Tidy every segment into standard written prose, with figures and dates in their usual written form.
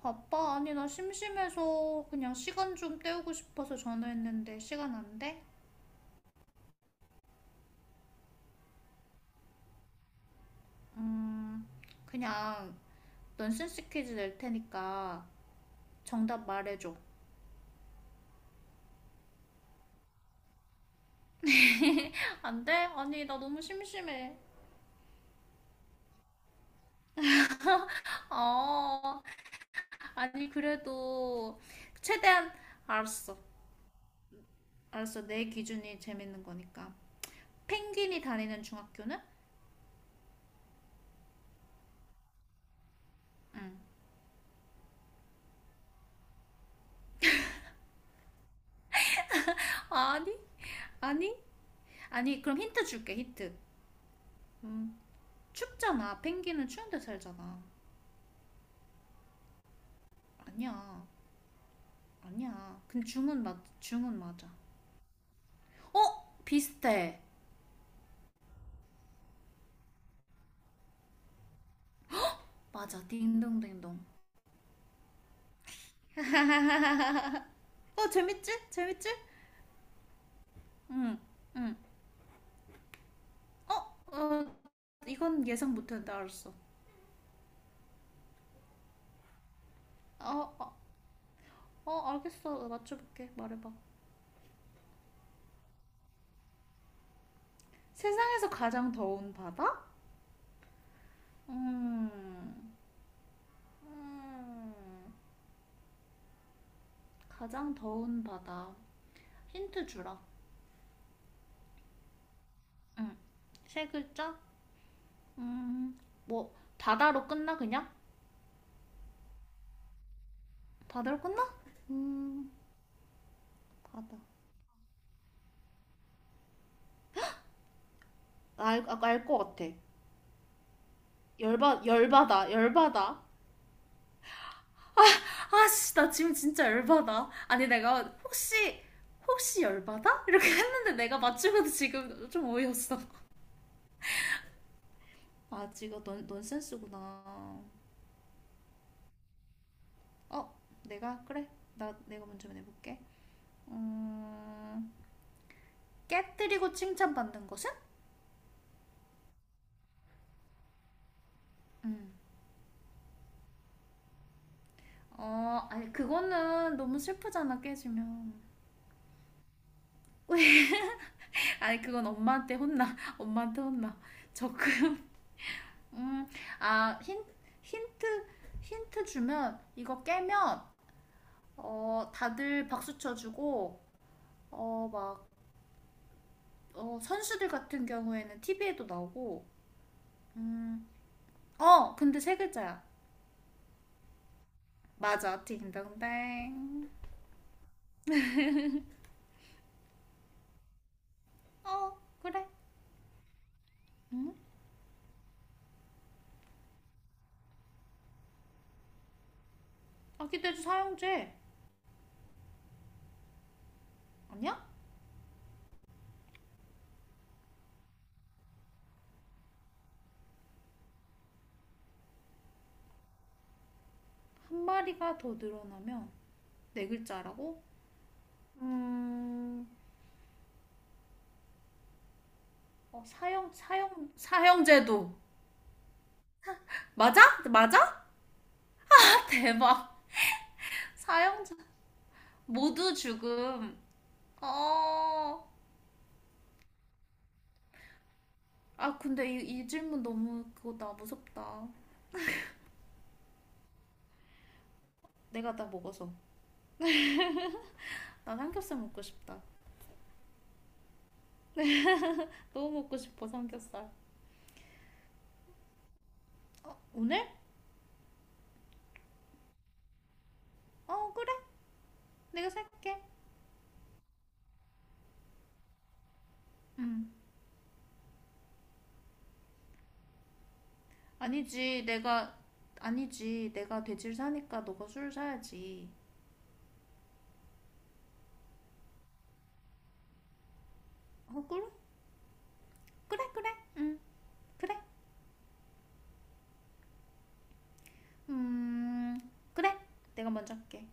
바빠? 아니, 나 심심해서 그냥 시간 좀 때우고 싶어서 전화했는데 시간 안 돼? 음, 그냥 넌센스 퀴즈 낼 테니까 정답 말해줘. 안 돼? 아니, 나 너무 심심해. 아, 아니, 그래도 최대한. 알았어. 알았어. 내 기준이 재밌는 거니까. 펭귄이 다니는 중학교는? 응. 아니, 아니, 아니, 그럼 힌트 줄게, 힌트. 음, 춥잖아. 펭귄은 추운 데 살잖아. 아니야. 아니야. 근데 중은 맞아. 어? 비슷해. 맞아. 딩동댕동. 재밌지? 재밌지? 응, 응. 어, 이건 예상 못했는데 알았어. 어, 어, 알겠어. 맞춰볼게. 말해봐. 세상에서 가장 더운 바다? 음, 음, 가장 더운 바다. 힌트 주라. 세 글자? 음, 뭐, 바다로 끝나, 그냥? 바다로 끝나? 음, 바다. 알 것 같아. 열받아, 열받아. 아씨, 나 지금 진짜 열받아. 아니, 내가 혹시, 열받아 이렇게 했는데 내가 맞추고도 지금 좀 어이없어. 아, 지금 넌 넌센스구나. 어, 내가 그래. 나 내가 먼저 내볼게. 음 깨뜨리고 칭찬받는 것은? 음어 아니, 그거는 너무 슬프잖아, 깨지면. 아니, 그건 엄마한테 혼나, 엄마한테 혼나. 적금. 음, 아, 힌, 힌트, 힌트 주면, 이거 깨면, 다들 박수 쳐주고, 막, 선수들 같은 경우에는 TV에도 나오고, 근데 세 글자야. 맞아, 딩동댕. 어, 그래. 아기 돼지 사형제 아니야? 한 마리가 더 늘어나면 네 글자라고? 음, 어, 사형 사형 사형제도 맞아? 맞아? 대박. 사형제. 모두 죽음. 아, 아, 근데 이 질문 너무 그거다. 무섭다. 내가 다 먹어서. 나 삼겹살 먹고 싶다. 너무 먹고 싶어, 삼겹살. 오늘? 어, 그래. 내가 살게. 아니지, 내가, 아니지. 내가 돼지를 사니까 너가 술을 사야지. 어, 그래? 그래, 그래. 그래. 음, 그래. 내가 먼저 할게.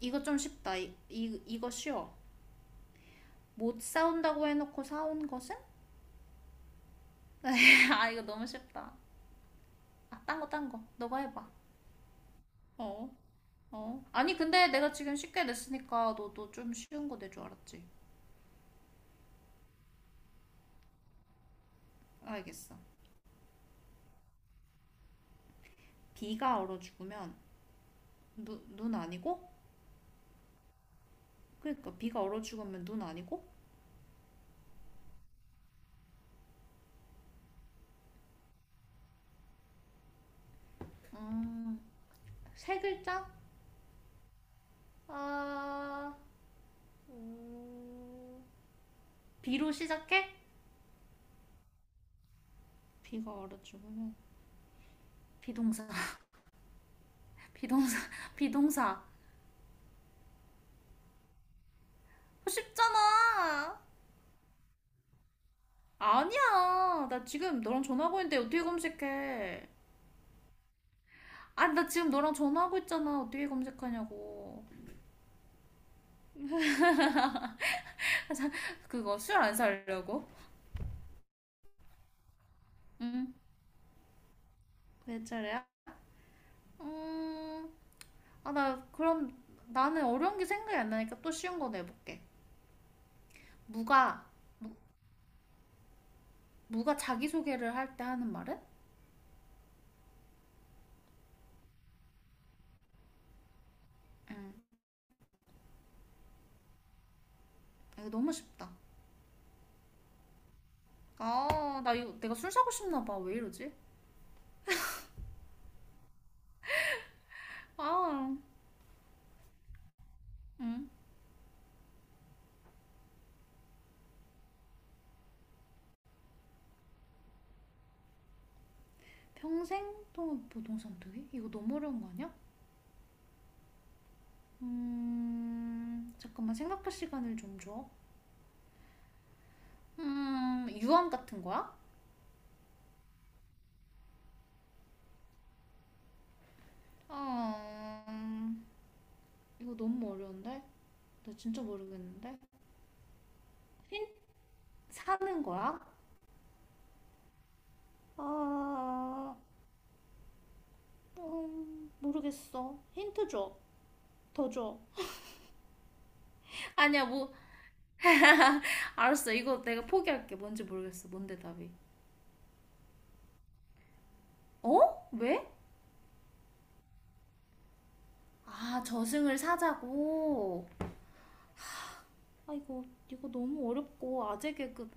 이거 좀 쉽다. 이거 쉬워. 못 사온다고 해놓고 사온 것은? 아, 이거 너무 쉽다. 아, 딴 거, 딴 거. 너가 해봐. 어. 어? 아니, 근데 내가 지금 쉽게 냈으니까 너도 좀 쉬운 거 낼 줄 알았지. 알겠어. 비가 얼어 죽으면, 눈 아니고? 그러니까 비가 얼어 죽으면 눈 아니고? 음, 세 글자? 아, 비로 시작해? 비가 얼어 죽으면 비동사. 비동사, 비동사. 쉽잖아. 아니야. 나 지금 너랑 전화하고 있는데 어떻게 검색해? 아니, 나 지금 너랑 전화하고 있잖아. 어떻게 검색하냐고. 그거 술 안 살려고? 왜 저래야. 음, 아, 나 그럼 나는 어려운 게 생각이 안 나니까 또 쉬운 거 내볼게. 무가, 무가 자기소개를 할 때 하는 말은? 아, 이거 너무 쉽다. 아, 나 이거 내가 술 사고 싶나 봐. 왜 이러지? 아, 음. 평생 동안 보통상투기? 이거 너무 어려운 거 아니야? 잠깐만 생각할 시간을 좀 줘. 유언 같은 거야? 아, 음, 이거 너무 어려운데? 나 진짜 모르겠는데? 사는 거야? 아, 모르겠어. 힌트 줘. 더 줘. 아니야, 뭐, 알았어. 이거 내가 포기할게. 뭔지 모르겠어. 뭔데 답이. 어? 왜? 아, 저승을 사자고. 아, 이거 너무 어렵고, 아재 개그.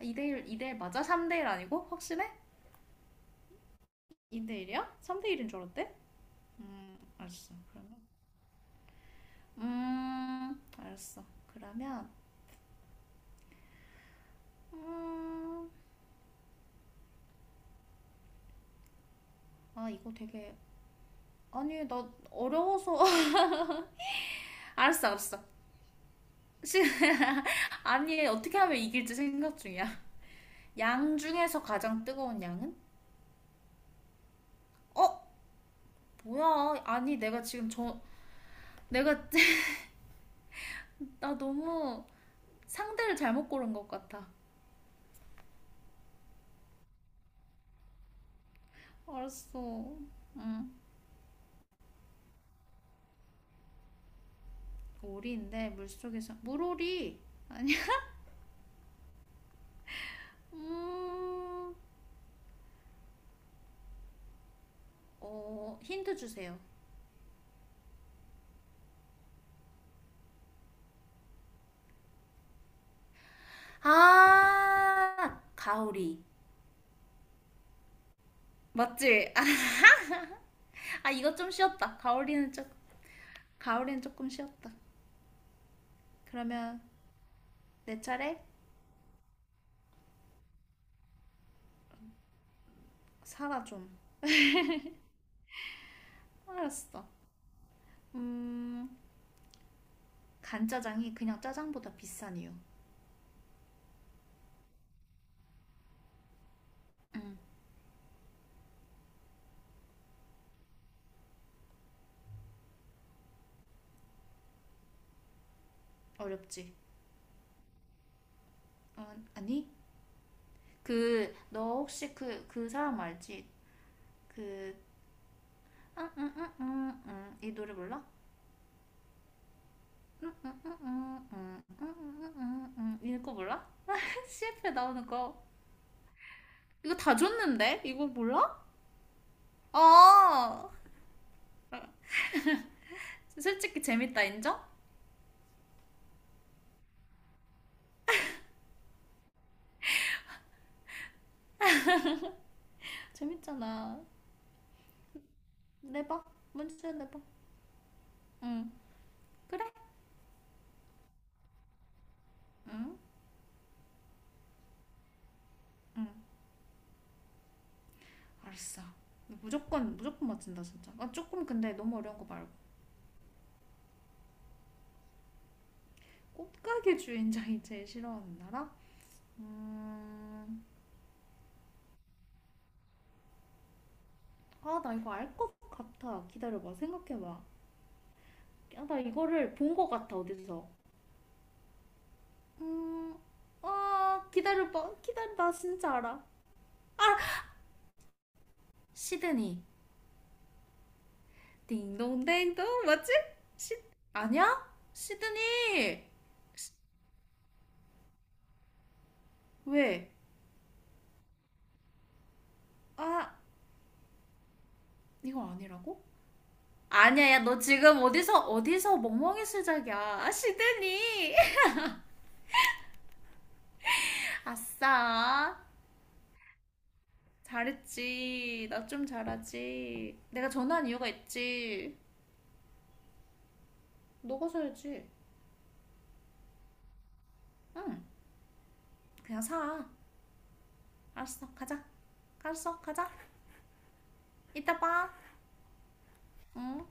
2대1, 2대1 맞아? 3대1 아니고? 확실해? 2대1이야? 3대1인 줄 알았대? 알았어. 그러면. 알았어. 그러면, 음, 아, 이거 되게. 아니, 나 어려워서. 알았어, 알았어. 시, 아니, 어떻게 하면 이길지 생각 중이야. 양 중에서 가장 뜨거운 양은? 어? 뭐야? 아니, 내가 지금 내가, 나 너무 상대를 잘못 고른 것 같아. 알았어. 오리인데, 물속에서. 물오리! 아니, 음, 힌트 주세요. 아, 가오리. 맞지? 아, 이거 좀 쉬었다. 가오리는 조금, 가오리는 조금 쉬었다. 그러면 내 차례? 살아 좀. 알았어. 음, 간짜장이 그냥 짜장보다 비싼 이유. 어렵지? 어, 아니? 그, 너 혹시 그, 그 사람 알지? 그, 이 노래 몰라? 이거 몰라? CF에 나오는 거. 이거 다 줬는데? 이거 몰라? 아, 솔직히 재밌다, 인정? 재밌잖아. 내봐. 문제 내봐. 응, 그래? 응, 알았어. 무조건, 무조건 맞힌다 진짜. 아, 조금 근데 너무 어려운 거 말고. 꽃가게 주인장이 제일 싫어하는 나라? 음... 아, 나 이거 알 것 같아. 기다려봐. 생각해봐. 야, 나 이거를 본 것 같아. 어디서? 음, 아, 기다려봐. 기다려. 나 진짜 알아. 시드니. 딩동댕동. 맞지? 시, 아니야? 시드니. 왜? 아, 이거 아니라고? 아니야, 야, 너 지금 어디서, 어디서 멍멍이 수작이야. 아, 시드니. 아싸. 잘했지. 나 좀 잘하지. 내가 전화한 이유가 있지. 너가 사야지. 응. 그냥 사. 알았어, 가자. 알았어, 가자. 이따 봐. 응.